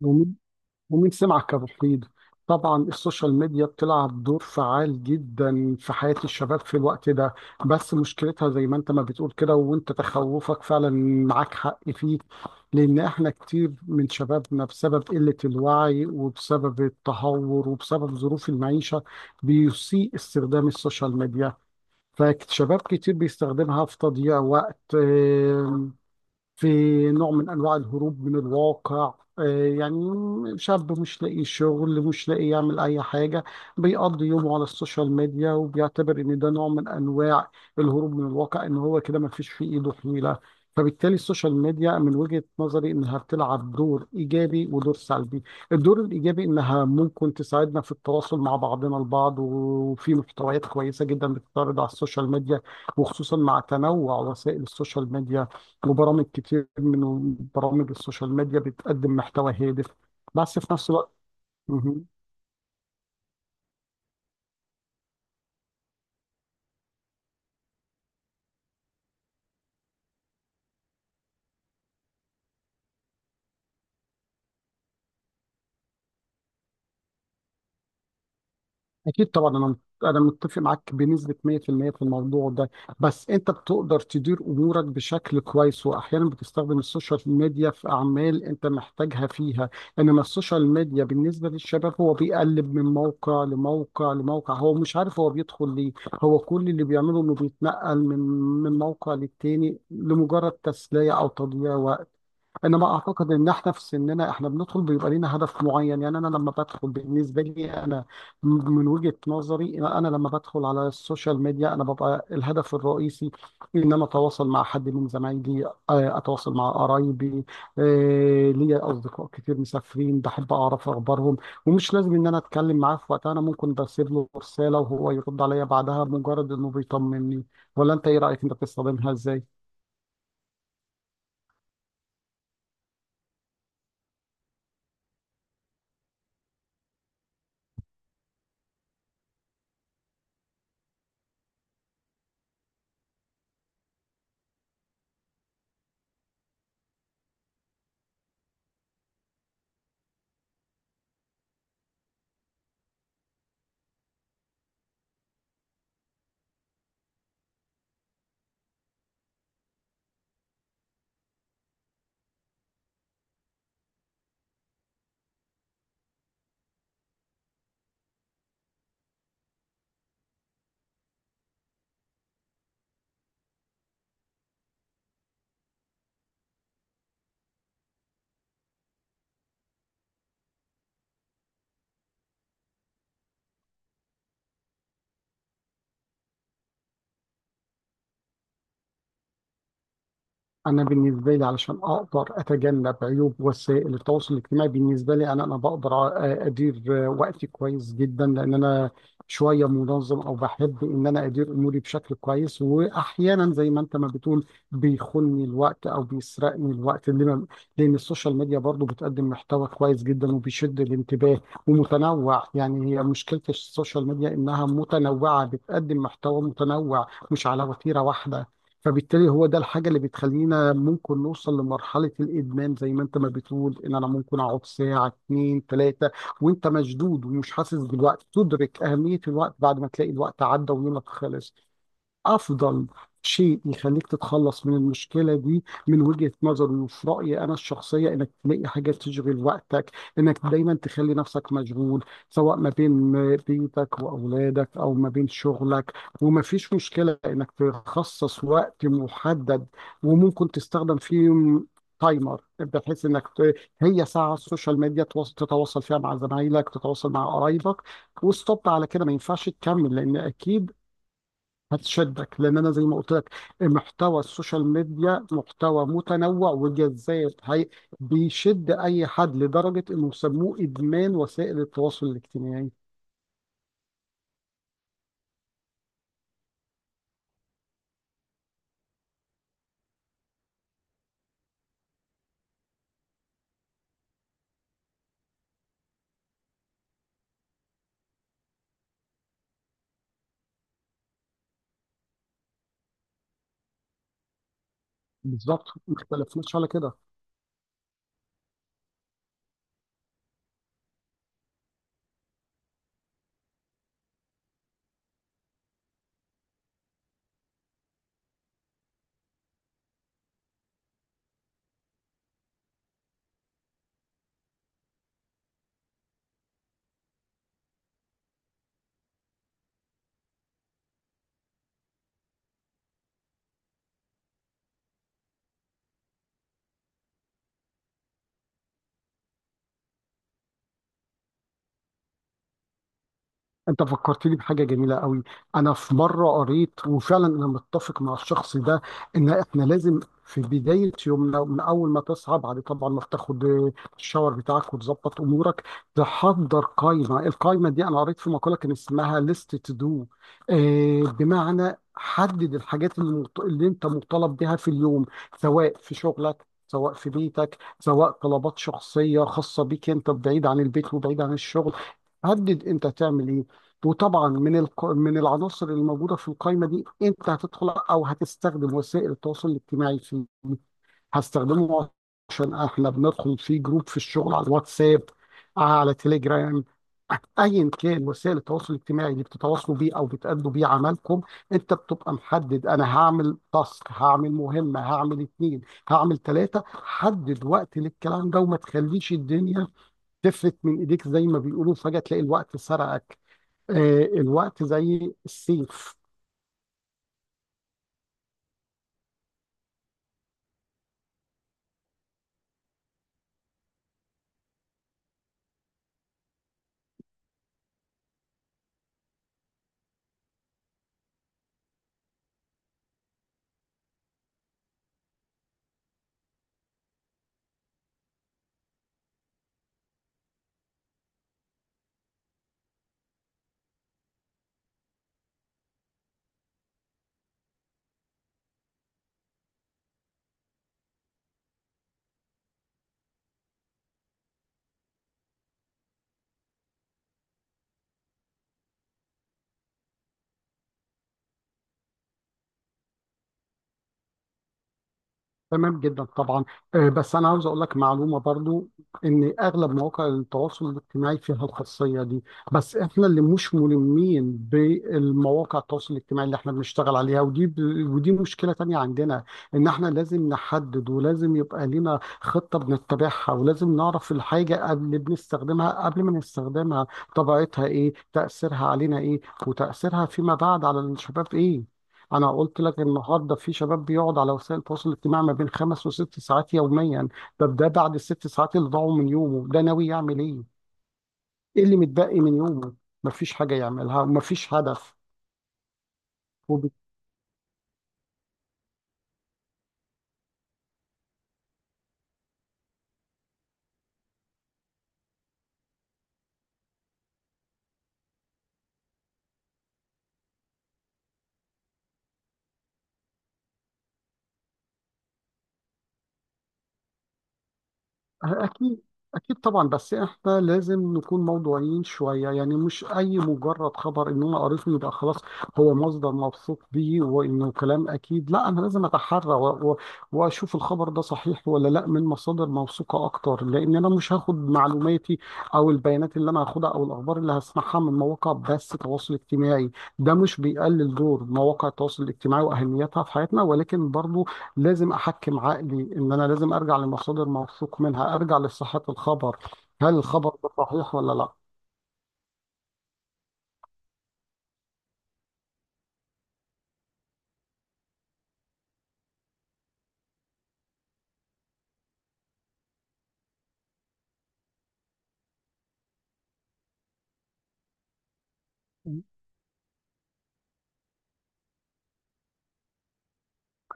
ومين ومين سمعك كمفيد. طبعا السوشيال ميديا بتلعب دور فعال جدا في حياة الشباب في الوقت ده، بس مشكلتها زي ما انت ما بتقول كده، وانت تخوفك فعلا معاك حق فيه، لان احنا كتير من شبابنا بسبب قلة الوعي وبسبب التهور وبسبب ظروف المعيشة بيسيء استخدام السوشيال ميديا. فشباب كتير بيستخدمها في تضييع وقت، في نوع من أنواع الهروب من الواقع. يعني شاب مش لاقي شغل، مش لاقي يعمل أي حاجة، بيقضي يومه على السوشيال ميديا، وبيعتبر إن ده نوع من أنواع الهروب من الواقع، إن هو كده ما فيش في إيده حيلة. فبالتالي السوشيال ميديا من وجهة نظري إنها بتلعب دور إيجابي ودور سلبي. الدور الإيجابي إنها ممكن تساعدنا في التواصل مع بعضنا البعض، وفي محتويات كويسة جدا بتتعرض على السوشيال ميديا، وخصوصا مع تنوع وسائل السوشيال ميديا، وبرامج كتير من برامج السوشيال ميديا بتقدم محتوى هادف. بس في نفس الوقت مهم. أكيد طبعا. أنا متفق معاك بنسبة 100% في المية في الموضوع ده. بس أنت بتقدر تدير أمورك بشكل كويس، وأحيانا بتستخدم السوشيال ميديا في أعمال أنت محتاجها فيها. إنما السوشيال ميديا بالنسبة للشباب، هو بيقلب من موقع لموقع لموقع، هو مش عارف هو بيدخل ليه. هو كل اللي بيعمله إنه بيتنقل من موقع للتاني لمجرد تسلية أو تضييع وقت. انما اعتقد ان احنا في سننا، احنا بندخل بيبقى لينا هدف معين. يعني انا لما بدخل، بالنسبه لي انا، من وجهه نظري انا لما بدخل على السوشيال ميديا، انا ببقى الهدف الرئيسي ان انا اتواصل مع حد من زمايلي، اتواصل مع قرايبي. ليا اصدقاء كتير مسافرين، بحب اعرف اخبارهم، ومش لازم ان انا اتكلم معاه في وقتها. انا ممكن بسيب له رساله وهو يرد عليا بعدها، مجرد انه بيطمني. ولا انت ايه رايك؟ انت بتستخدمها ازاي؟ انا بالنسبه لي، علشان اقدر اتجنب عيوب وسائل التواصل الاجتماعي، بالنسبه لي انا بقدر ادير وقتي كويس جدا، لان انا شويه منظم، او بحب ان انا ادير اموري بشكل كويس. واحيانا زي ما انت ما بتقول، بيخوني الوقت او بيسرقني الوقت، لان السوشيال ميديا برضو بتقدم محتوى كويس جدا وبيشد الانتباه ومتنوع. يعني هي مشكله السوشيال ميديا انها متنوعه، بتقدم محتوى متنوع مش على وتيره واحده. فبالتالي هو ده الحاجة اللي بتخلينا ممكن نوصل لمرحلة الإدمان، زي ما أنت ما بتقول، إن أنا ممكن أقعد ساعة اتنين تلاتة وأنت مشدود ومش حاسس بالوقت، تدرك أهمية الوقت بعد ما تلاقي الوقت عدى ويومك خلص. افضل شيء يخليك تتخلص من المشكله دي من وجهه نظري وفي رايي انا الشخصيه، انك تلاقي حاجه تشغل وقتك، انك دايما تخلي نفسك مشغول، سواء ما بين بيتك واولادك او ما بين شغلك. وما فيش مشكله انك تخصص وقت محدد، وممكن تستخدم فيه تايمر، بحيث انك هي ساعه على السوشيال ميديا تتواصل فيها مع زمايلك، تتواصل مع قرايبك، وستوب على كده. ما ينفعش تكمل، لان اكيد هتشدك، لان انا زي ما قلت لك محتوى السوشيال ميديا محتوى متنوع وجذاب. هي بيشد اي حد لدرجه انه سموه ادمان وسائل التواصل الاجتماعي. بالظبط، ما اختلفناش على كده. انت فكرتني بحاجه جميله قوي. انا في مره قريت، وفعلا انا متفق مع الشخص ده، ان احنا لازم في بدايه يومنا، من اول ما تصحى، بعد طبعا ما تاخد الشاور بتاعك وتظبط امورك، تحضر قائمه. القائمه دي انا قريت في مقاله كان اسمها ليست تو دو، بمعنى حدد الحاجات اللي اللي انت مطالب بها في اليوم، سواء في شغلك، سواء في بيتك، سواء طلبات شخصيه خاصه بيك انت، بعيد عن البيت وبعيد عن الشغل. حدد انت تعمل ايه. وطبعا من من العناصر الموجوده في القائمه دي، انت هتدخل او هتستخدم وسائل التواصل الاجتماعي فيه. هستخدمه عشان احنا بندخل في جروب في الشغل على الواتساب، على تليجرام، ايا كان وسائل التواصل الاجتماعي اللي بتتواصلوا بيه او بتأدوا بيه عملكم. انت بتبقى محدد، انا هعمل تاسك، هعمل مهمه، هعمل اتنين، هعمل تلاته. حدد وقت للكلام ده، وما تخليش الدنيا تفلت من ايديك، زي ما بيقولوا فجاه تلاقي الوقت سرقك. الوقت زي السيف. تمام جدا طبعا. بس انا عاوز اقول لك معلومه برضو، ان اغلب مواقع التواصل الاجتماعي فيها الخاصيه دي، بس احنا اللي مش ملمين بالمواقع التواصل الاجتماعي اللي احنا بنشتغل عليها، ودي مشكله تانية عندنا، ان احنا لازم نحدد، ولازم يبقى لنا خطه بنتبعها، ولازم نعرف الحاجه اللي بنستخدمها قبل ما نستخدمها طبيعتها ايه، تاثيرها علينا ايه، وتاثيرها فيما بعد على الشباب ايه. انا قلت لك النهارده في شباب بيقعد على وسائل التواصل الاجتماعي ما بين خمس وست ساعات يوميا. طب ده بعد الست ساعات اللي ضاعوا من يومه ده، ناوي يعمل ايه؟ ايه اللي متبقي من يومه؟ مفيش حاجه يعملها ومفيش هدف. أكيد. أكيد طبعا. بس إحنا لازم نكون موضوعيين شوية. يعني مش أي مجرد خبر إن أنا قريته يبقى خلاص هو مصدر موثوق بيه وإنه كلام أكيد. لا، أنا لازم أتحرى وأشوف الخبر ده صحيح ولا لا من مصادر موثوقة أكتر، لأن أنا مش هاخد معلوماتي أو البيانات اللي أنا هاخدها أو الأخبار اللي هسمعها من مواقع بس تواصل اجتماعي. ده مش بيقلل دور مواقع التواصل الاجتماعي وأهميتها في حياتنا، ولكن برضو لازم احكم عقلي ان انا لازم ارجع لمصادر موثوق منها، ارجع لصحة الخبر، هل الخبر ده صحيح ولا لا.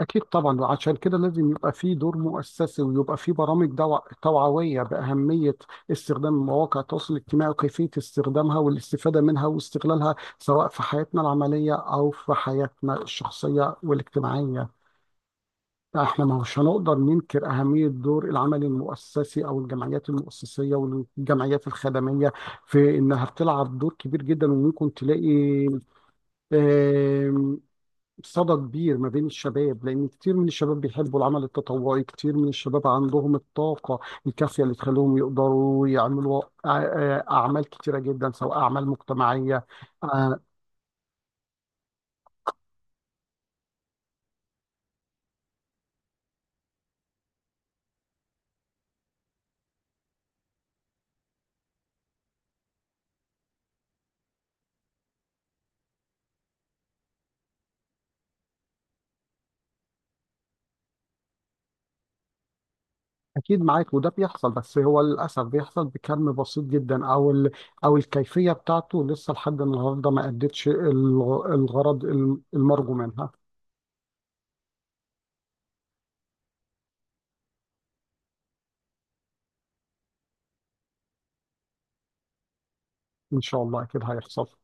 اكيد طبعا. وعشان كده لازم يبقى في دور مؤسسي، ويبقى في برامج توعوية بأهمية استخدام مواقع التواصل الاجتماعي، وكيفية استخدامها والاستفادة منها واستغلالها، سواء في حياتنا العملية او في حياتنا الشخصية والاجتماعية. احنا ما هوش هنقدر ننكر أهمية دور العمل المؤسسي أو الجمعيات المؤسسية والجمعيات الخدمية، في إنها بتلعب دور كبير جدا، وممكن تلاقي آم، صدى كبير ما بين الشباب، لأن كتير من الشباب بيحبوا العمل التطوعي، كتير من الشباب عندهم الطاقة الكافية اللي تخليهم يقدروا يعملوا أعمال كتيرة جدا، سواء أعمال مجتمعية. أكيد معاك، وده بيحصل، بس هو للأسف بيحصل بكم بسيط جدا، أو أو الكيفية بتاعته لسه لحد النهاردة ما أدتش الغرض المرجو منها. إن شاء الله أكيد هيحصل.